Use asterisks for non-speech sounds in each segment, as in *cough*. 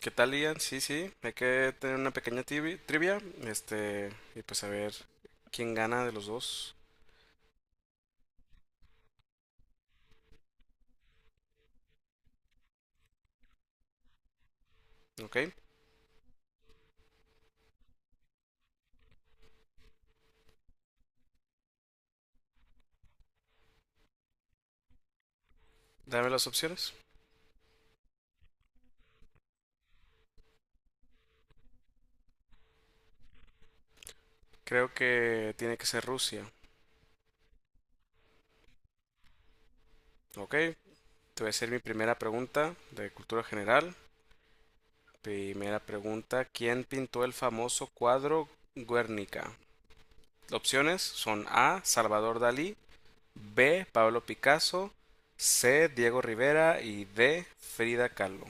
¿Qué tal, Ian? Sí, sí, hay que tener una pequeña trivia, y pues a ver quién gana de los dos. ¿Ok? Dame las opciones. Creo que tiene que ser Rusia. ¿Ok? Te voy a hacer mi primera pregunta de cultura general. Primera pregunta, ¿quién pintó el famoso cuadro Guernica? Opciones son A, Salvador Dalí; B, Pablo Picasso; C, Diego Rivera y D, Frida Kahlo.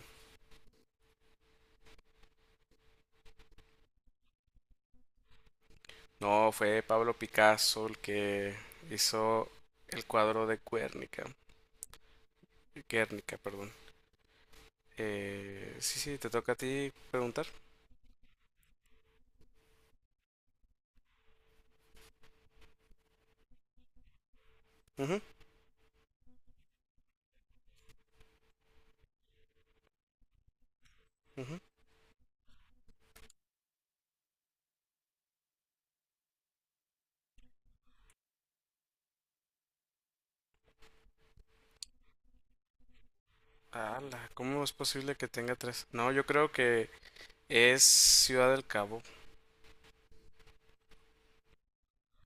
No, fue Pablo Picasso el que hizo el cuadro de Guernica. Guernica, perdón. Sí, sí, te toca a ti preguntar. Ujú, ujú. Ala, ¿cómo es posible que tenga tres? No, yo creo que es Ciudad del Cabo.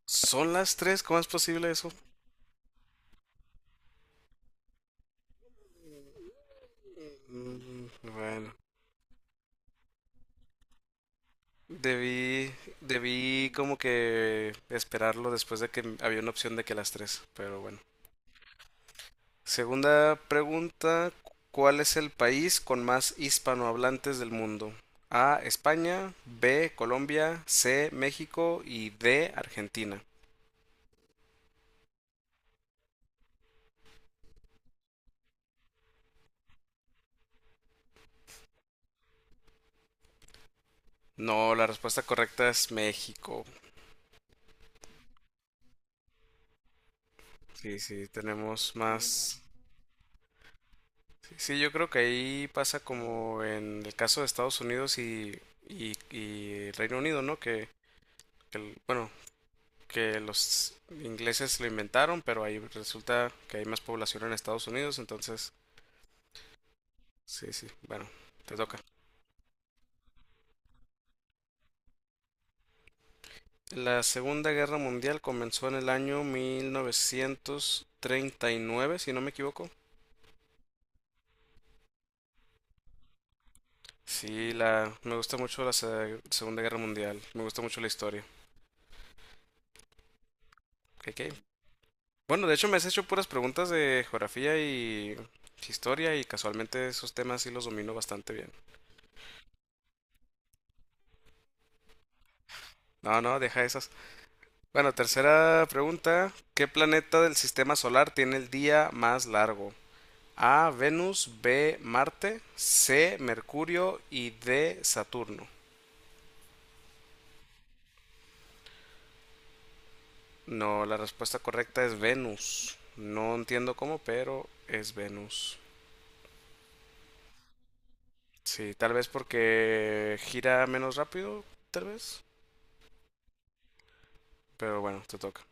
¿Son las tres? ¿Cómo es posible eso? Mm. Bueno, debí, debí como que esperarlo después de que había una opción de que las tres, pero bueno. Segunda pregunta, ¿cuál es el país con más hispanohablantes del mundo? A, España; B, Colombia; C, México y D, Argentina. No, la respuesta correcta es México. Sí, sí, tenemos más. Sí, sí, yo creo que ahí pasa como en el caso de Estados Unidos y Reino Unido, ¿no? Bueno, que los ingleses lo inventaron, pero ahí resulta que hay más población en Estados Unidos, entonces... Sí, sí, bueno, te toca. La Segunda Guerra Mundial comenzó en el año 1939, si no me equivoco. Me gusta mucho la Segunda Guerra Mundial, me gusta mucho la historia. Ok, ok. Bueno, de hecho me has hecho puras preguntas de geografía y historia y casualmente esos temas sí los domino bastante bien. No, no, deja esas. Bueno, tercera pregunta. ¿Qué planeta del sistema solar tiene el día más largo? A, Venus; B, Marte; C, Mercurio y D, Saturno. No, la respuesta correcta es Venus. No entiendo cómo, pero es Venus. Sí, tal vez porque gira menos rápido, tal vez. Pero bueno, te toca.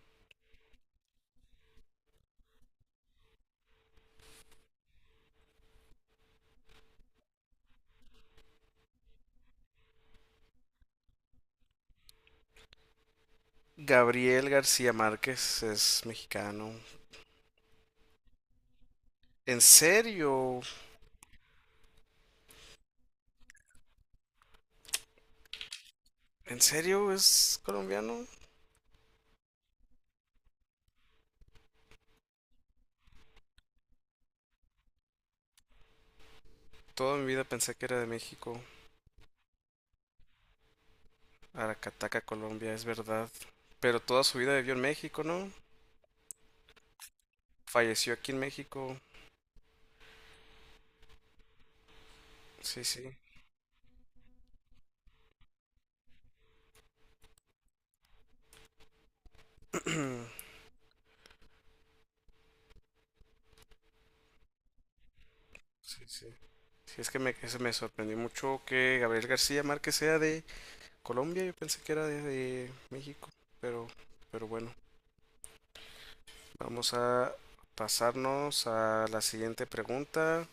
Gabriel García Márquez es mexicano. ¿En serio? ¿En serio es colombiano? Toda mi vida pensé que era de México. Aracataca, Colombia, es verdad. Pero toda su vida vivió en México, ¿no? Falleció aquí en México. Sí, sí. *clears throat* Sí, sí. Sí, es que eso me sorprendió mucho que Gabriel García Márquez sea de Colombia. Yo pensé que era de México. Pero, pero bueno, vamos a pasarnos a la siguiente pregunta.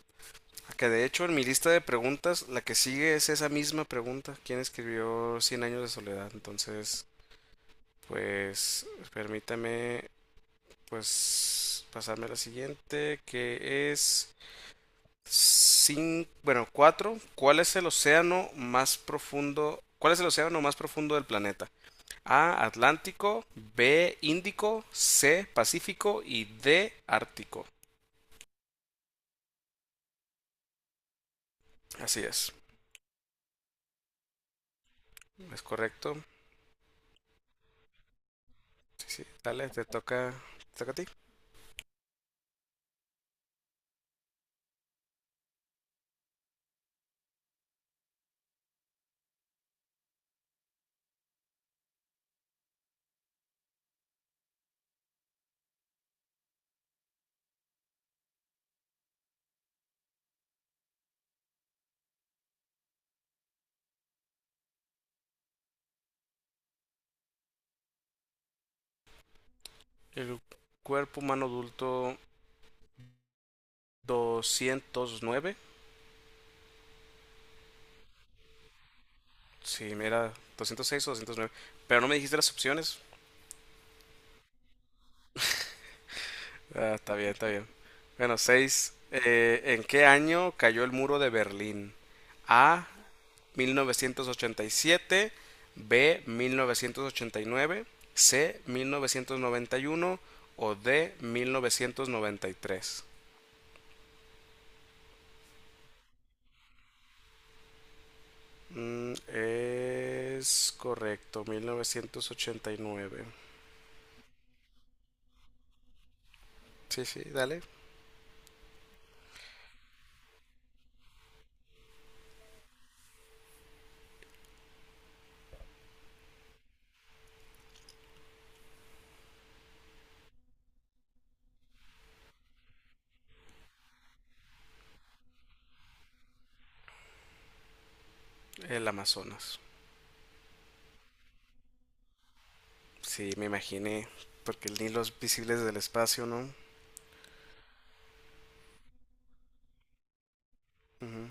Que de hecho en mi lista de preguntas, la que sigue es esa misma pregunta: ¿quién escribió Cien años de soledad? Entonces, pues permítame pues pasarme a la siguiente, que es... Bueno, cuatro. ¿Cuál es el océano más profundo? ¿Cuál es el océano más profundo del planeta? A, Atlántico; B, Índico; C, Pacífico y D, Ártico. Así es correcto. Sí, sí, dale, te toca a ti. El cuerpo humano adulto, 209. Sí, mira, 206 o 209. Pero no me dijiste las opciones. Ah, está bien, está bien. Bueno, seis. ¿En qué año cayó el muro de Berlín? A, 1987; B, 1989; C, 1991; o D, 1993. Mm, es correcto, 1989. Sí, sí, dale. El Amazonas. Sí, me imaginé. Porque el Nilo es visible desde el espacio, ¿no? Ujú.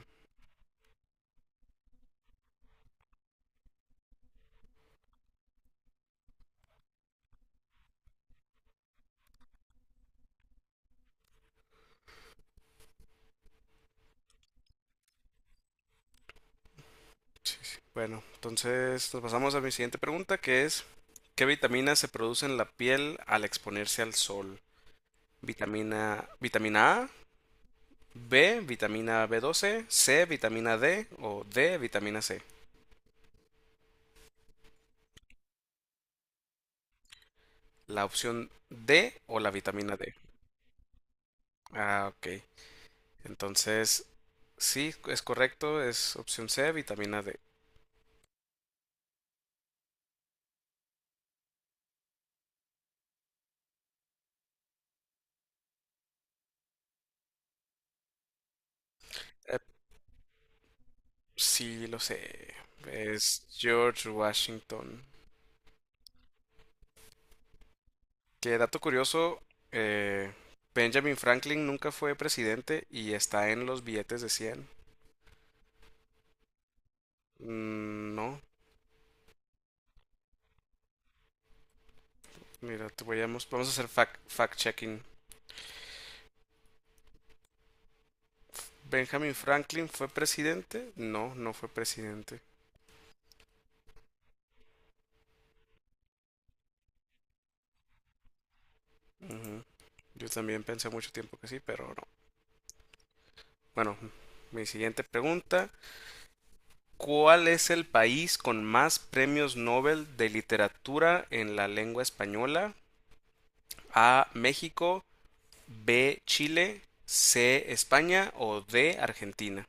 Sí, sí. Bueno, entonces nos pasamos a mi siguiente pregunta, que es, ¿qué vitaminas se produce en la piel al exponerse al sol? Vitamina A; B, vitamina B12; C, vitamina D o D, vitamina C. La opción D o la vitamina D. Ah, ok. Entonces, sí, es correcto, es opción C, vitamina D. Eh, sí, lo sé. Es George Washington. Que dato curioso, eh, Benjamin Franklin nunca fue presidente y está en los billetes de 100. Mm, no, mira, te voy a vamos a hacer fact, fact checking. ¿Benjamin Franklin fue presidente? No, no fue presidente. Ujú. Yo también pensé mucho tiempo que sí, pero no. Bueno, mi siguiente pregunta. ¿Cuál es el país con más premios Nobel de literatura en la lengua española? A, México; B, Chile; C, España o D, Argentina.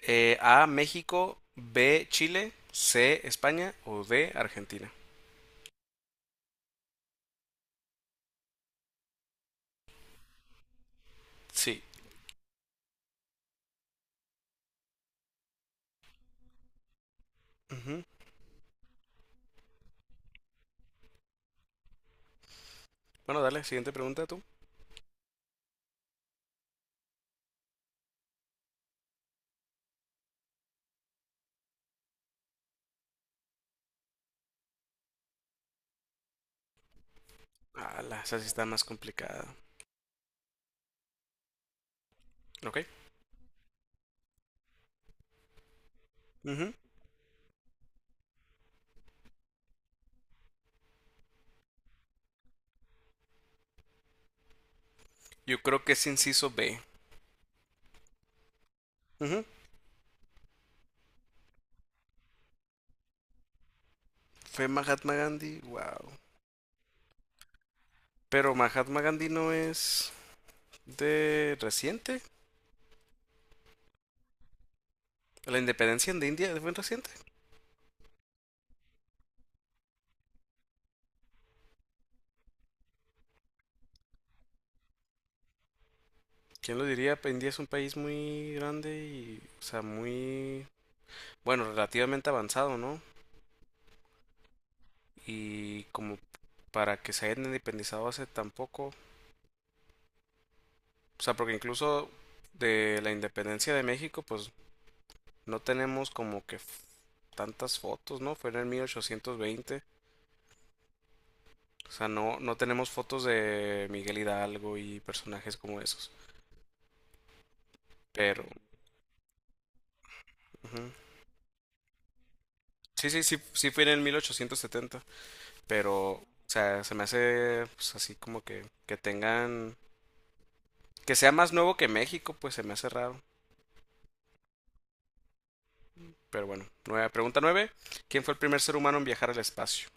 A, México; B, Chile; C, España o D, Argentina. Sí. Ujú. Bueno, dale, siguiente pregunta tú. Ah, esa sí está más complicada. Ok. Ujú. Yo creo que es inciso B. Ujú. Fue Mahatma Gandhi, wow. Pero Mahatma Gandhi no es de reciente. La independencia de India fue reciente. ¿Quién lo diría? Pues, India es un país muy grande y, o sea, muy bueno, relativamente avanzado, ¿no? Y como para que se hayan independizado hace tampoco, o sea, porque incluso de la independencia de México, pues no tenemos como que tantas fotos, ¿no? Fue en el 1820, o sea, no, no tenemos fotos de Miguel Hidalgo y personajes como esos, pero... Ujú. Sí, sí, sí, sí fue en el 1870, pero, o sea, se me hace, pues así como que tengan, que sea más nuevo que México, pues se me hace raro. Pero bueno, nueve, pregunta 9. ¿Quién fue el primer ser humano en viajar al espacio?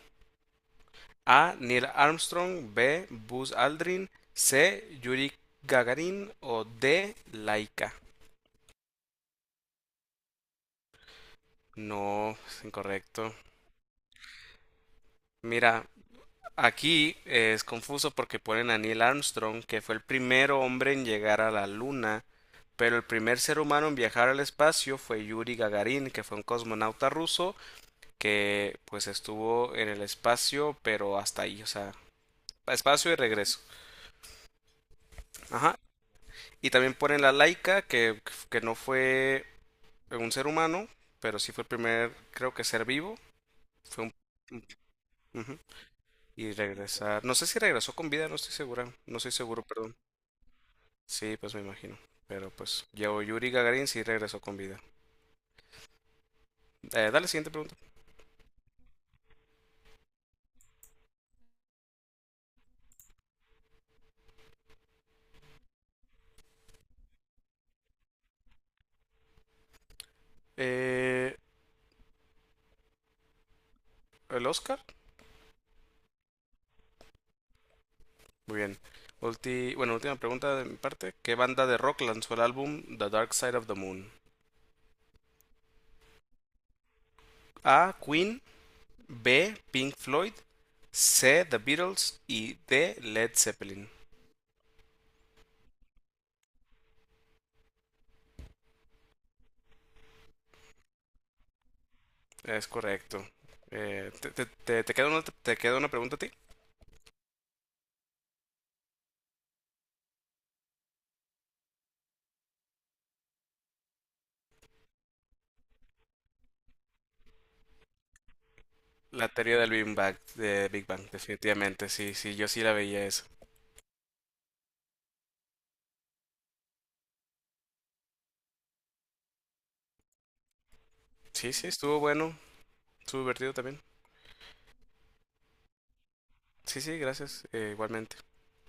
A, Neil Armstrong; B, Buzz Aldrin; C, Yuri Gagarin; o D, Laika. No, es incorrecto. Mira, aquí es confuso porque ponen a Neil Armstrong, que fue el primer hombre en llegar a la Luna, pero el primer ser humano en viajar al espacio fue Yuri Gagarin, que fue un cosmonauta ruso que pues estuvo en el espacio, pero hasta ahí, o sea, espacio y regreso. Ajá. Y también ponen la Laika, que no fue un ser humano, pero sí fue el primer, creo que ser vivo. Fue un. Ujú. Y regresar... No sé si regresó con vida, no estoy segura. No estoy seguro, perdón. Sí, pues me imagino. Pero pues, yo, Yuri Gagarin sí regresó con vida. Dale, siguiente pregunta. Eh, ¿El Oscar? Muy bien. Bueno, última pregunta de mi parte. ¿Qué banda de rock lanzó el álbum The Dark Side of the Moon? A, Queen; B, Pink Floyd; C, The Beatles; y D, Led Zeppelin. Es correcto. ¿Te queda una, te queda una pregunta a ti? La teoría del Big Bang, de Big Bang, definitivamente. Sí, sí, yo sí la veía eso. Sí, sí, estuvo bueno. Estuvo divertido también. Sí, sí, gracias. Igualmente.